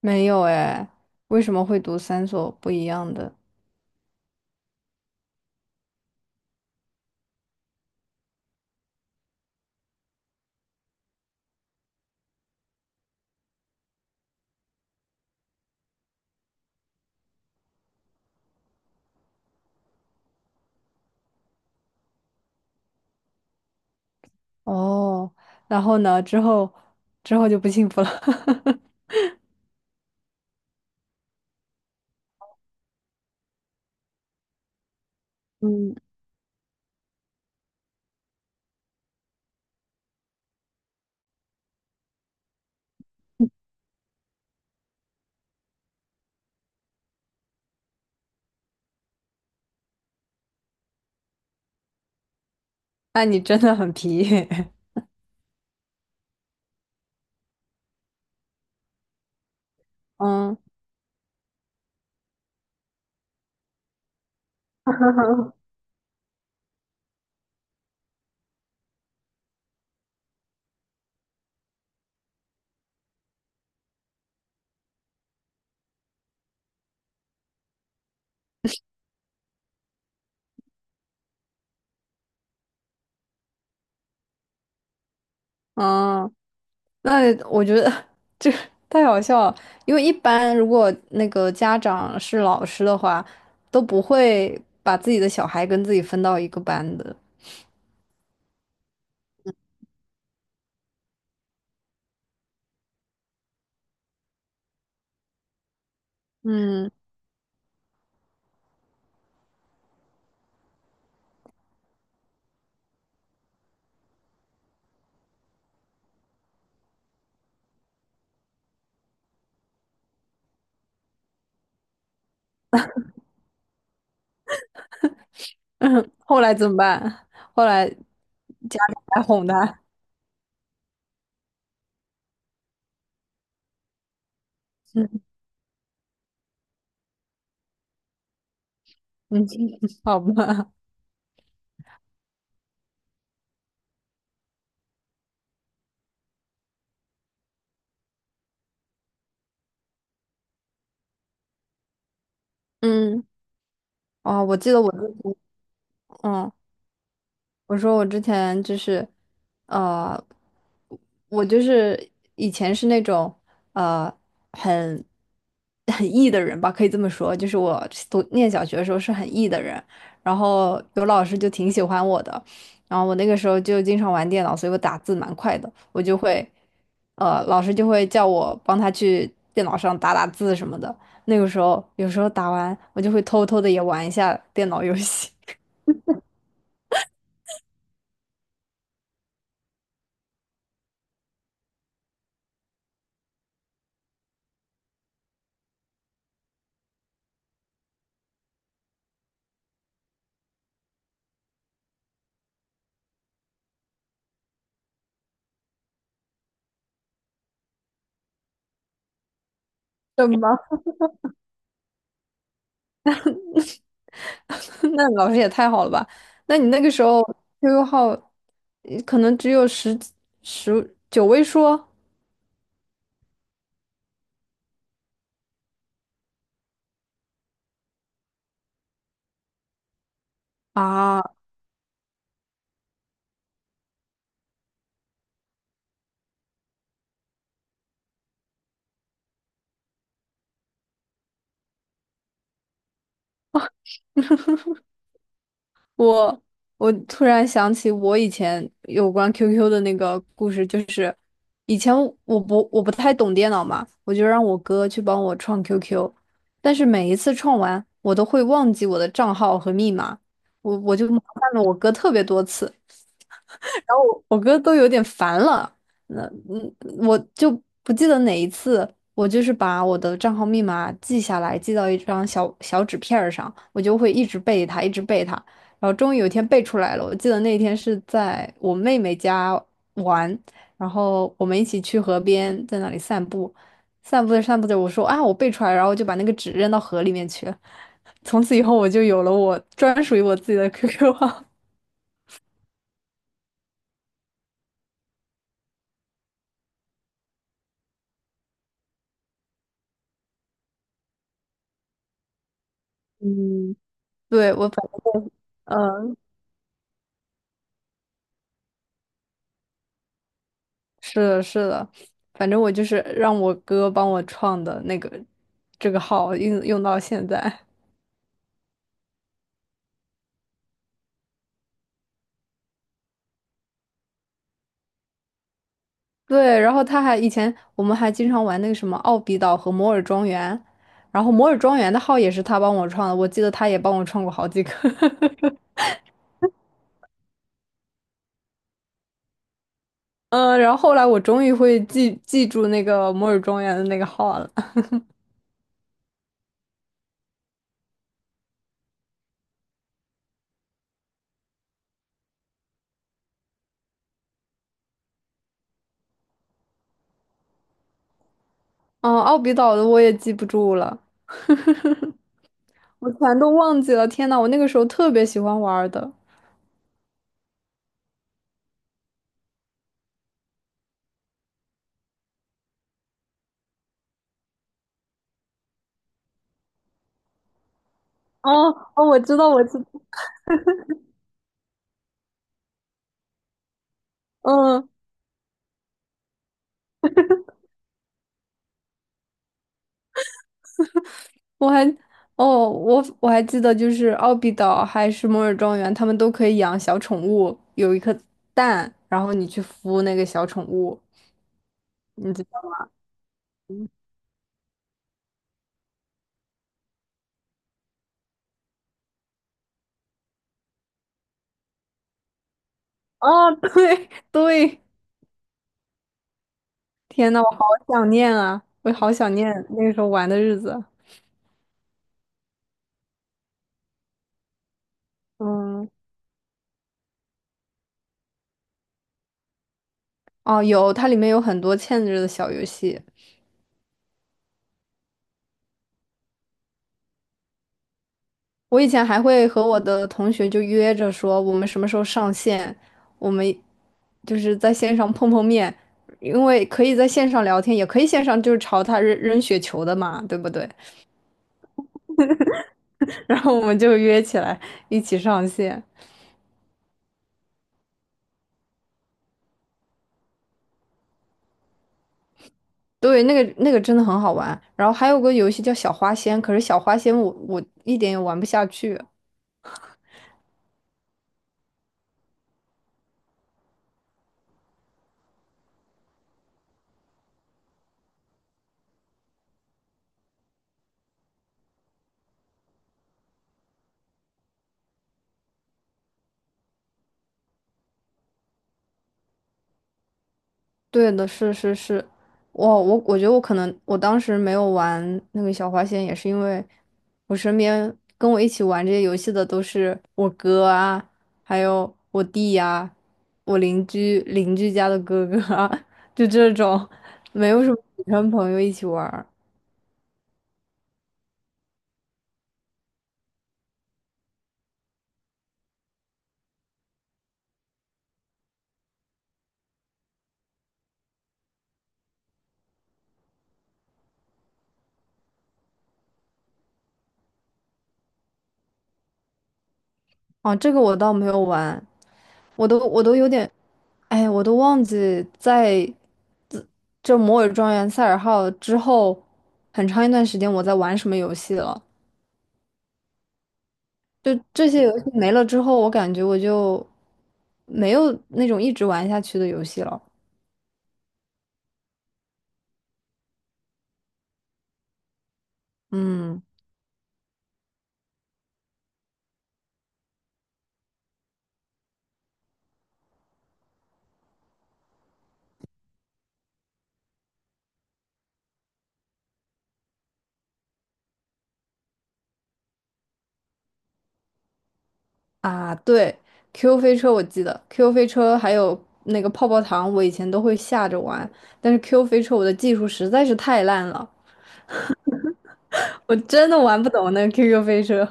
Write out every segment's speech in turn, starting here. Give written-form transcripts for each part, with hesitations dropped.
没有哎，为什么会读三所不一样的？哦，然后呢，之后就不幸福了。嗯，那你真的很皮。嗯 嗯，那我觉得 这个太好笑了，因为一般如果那个家长是老师的话，都不会把自己的小孩跟自己分到一个班的。嗯，后来怎么办？后来家长来哄他。嗯，好吧。嗯，哦，我记得我之前，嗯，我说我之前就是，呃，我就是以前是那种呃很很 E 的人吧，可以这么说，就是我念小学的时候是很 E 的人，然后有老师就挺喜欢我的，然后我那个时候就经常玩电脑，所以我打字蛮快的，我就会，老师就会叫我帮他去电脑上打打字什么的，那个时候有时候打完我就会偷偷的也玩一下电脑游戏。什么？那老师也太好了吧？那你那个时候 QQ 号可能只有十九位数啊！我我突然想起我以前有关 QQ 的那个故事，就是以前我不太懂电脑嘛，我就让我哥去帮我创 QQ，但是每一次创完，我都会忘记我的账号和密码，我就麻烦了我哥特别多次。然后我哥都有点烦了，那嗯，我就不记得哪一次，我就是把我的账号密码记下来，记到一张小小纸片儿上，我就会一直背它，一直背它，然后终于有一天背出来了。我记得那天是在我妹妹家玩，然后我们一起去河边，在那里散步，散步着散步着，我说啊，我背出来了然后就把那个纸扔到河里面去了。从此以后，我就有了我专属于我自己的 QQ 号。嗯，对，我反正，嗯，是的，是的，反正我就是让我哥帮我创的那个这个号用到现在。对，然后他还以前我们还经常玩那个什么奥比岛和摩尔庄园，然后摩尔庄园的号也是他帮我创的，我记得他也帮我创过好几个。嗯，然后后来我终于会记住那个摩尔庄园的那个号了。嗯，奥比岛的我也记不住了，我全都忘记了。天呐，我那个时候特别喜欢玩儿的。哦哦，我知道，嗯，我还哦，我还记得，就是奥比岛还是摩尔庄园，他们都可以养小宠物，有一颗蛋，然后你去孵那个小宠物，你知道？哦，对 对，天呐，我好想念啊，我好想念那个时候玩的日子。嗯，哦，有，它里面有很多嵌着的小游戏。我以前还会和我的同学就约着说，我们什么时候上线，我们就是在线上碰碰面，因为可以在线上聊天，也可以线上就是朝他扔扔雪球的嘛，对不对？然后我们就约起来一起上线。对，那个真的很好玩。然后还有个游戏叫小花仙，可是小花仙我一点也玩不下去。对的，是是是，我觉得我可能我当时没有玩那个小花仙，也是因为我身边跟我一起玩这些游戏的都是我哥啊，还有我弟呀、啊我邻居家的哥哥啊，就这种，没有什么女生朋友一起玩儿哦，这个我倒没有玩，我都有点，哎，我都忘记在自这《摩尔庄园》《塞尔号》之后很长一段时间我在玩什么游戏了。就这些游戏没了之后，我感觉我就没有那种一直玩下去的游戏了。嗯啊，对，Q q 飞车我记得，Q q 飞车还有那个泡泡糖，我以前都会下着玩，但是 Q 飞车我的技术实在是太烂了，我真的玩不懂那个 QQ 飞车。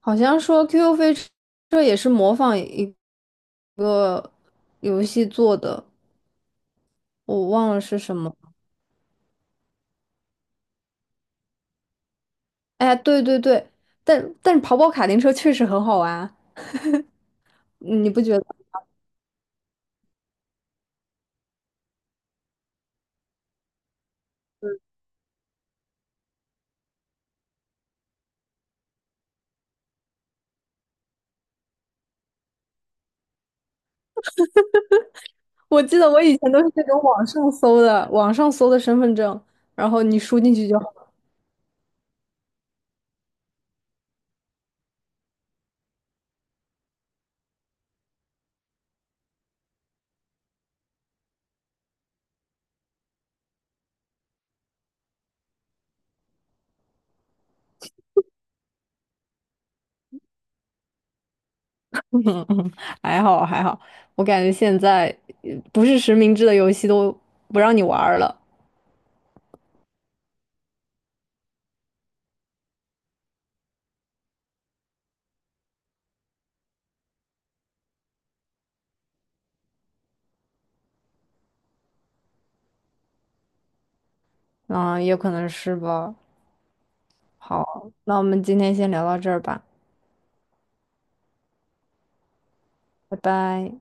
好像说 QQ 飞车也是模仿一个游戏做的，我忘了是什么。哎，对对对，但是跑跑卡丁车确实很好玩，你不觉得？我记得我以前都是那种网上搜的，网上搜的身份证，然后你输进去就好还好还好，我感觉现在不是实名制的游戏都不让你玩儿了。嗯，也可能是吧。好，那我们今天先聊到这儿吧，拜拜。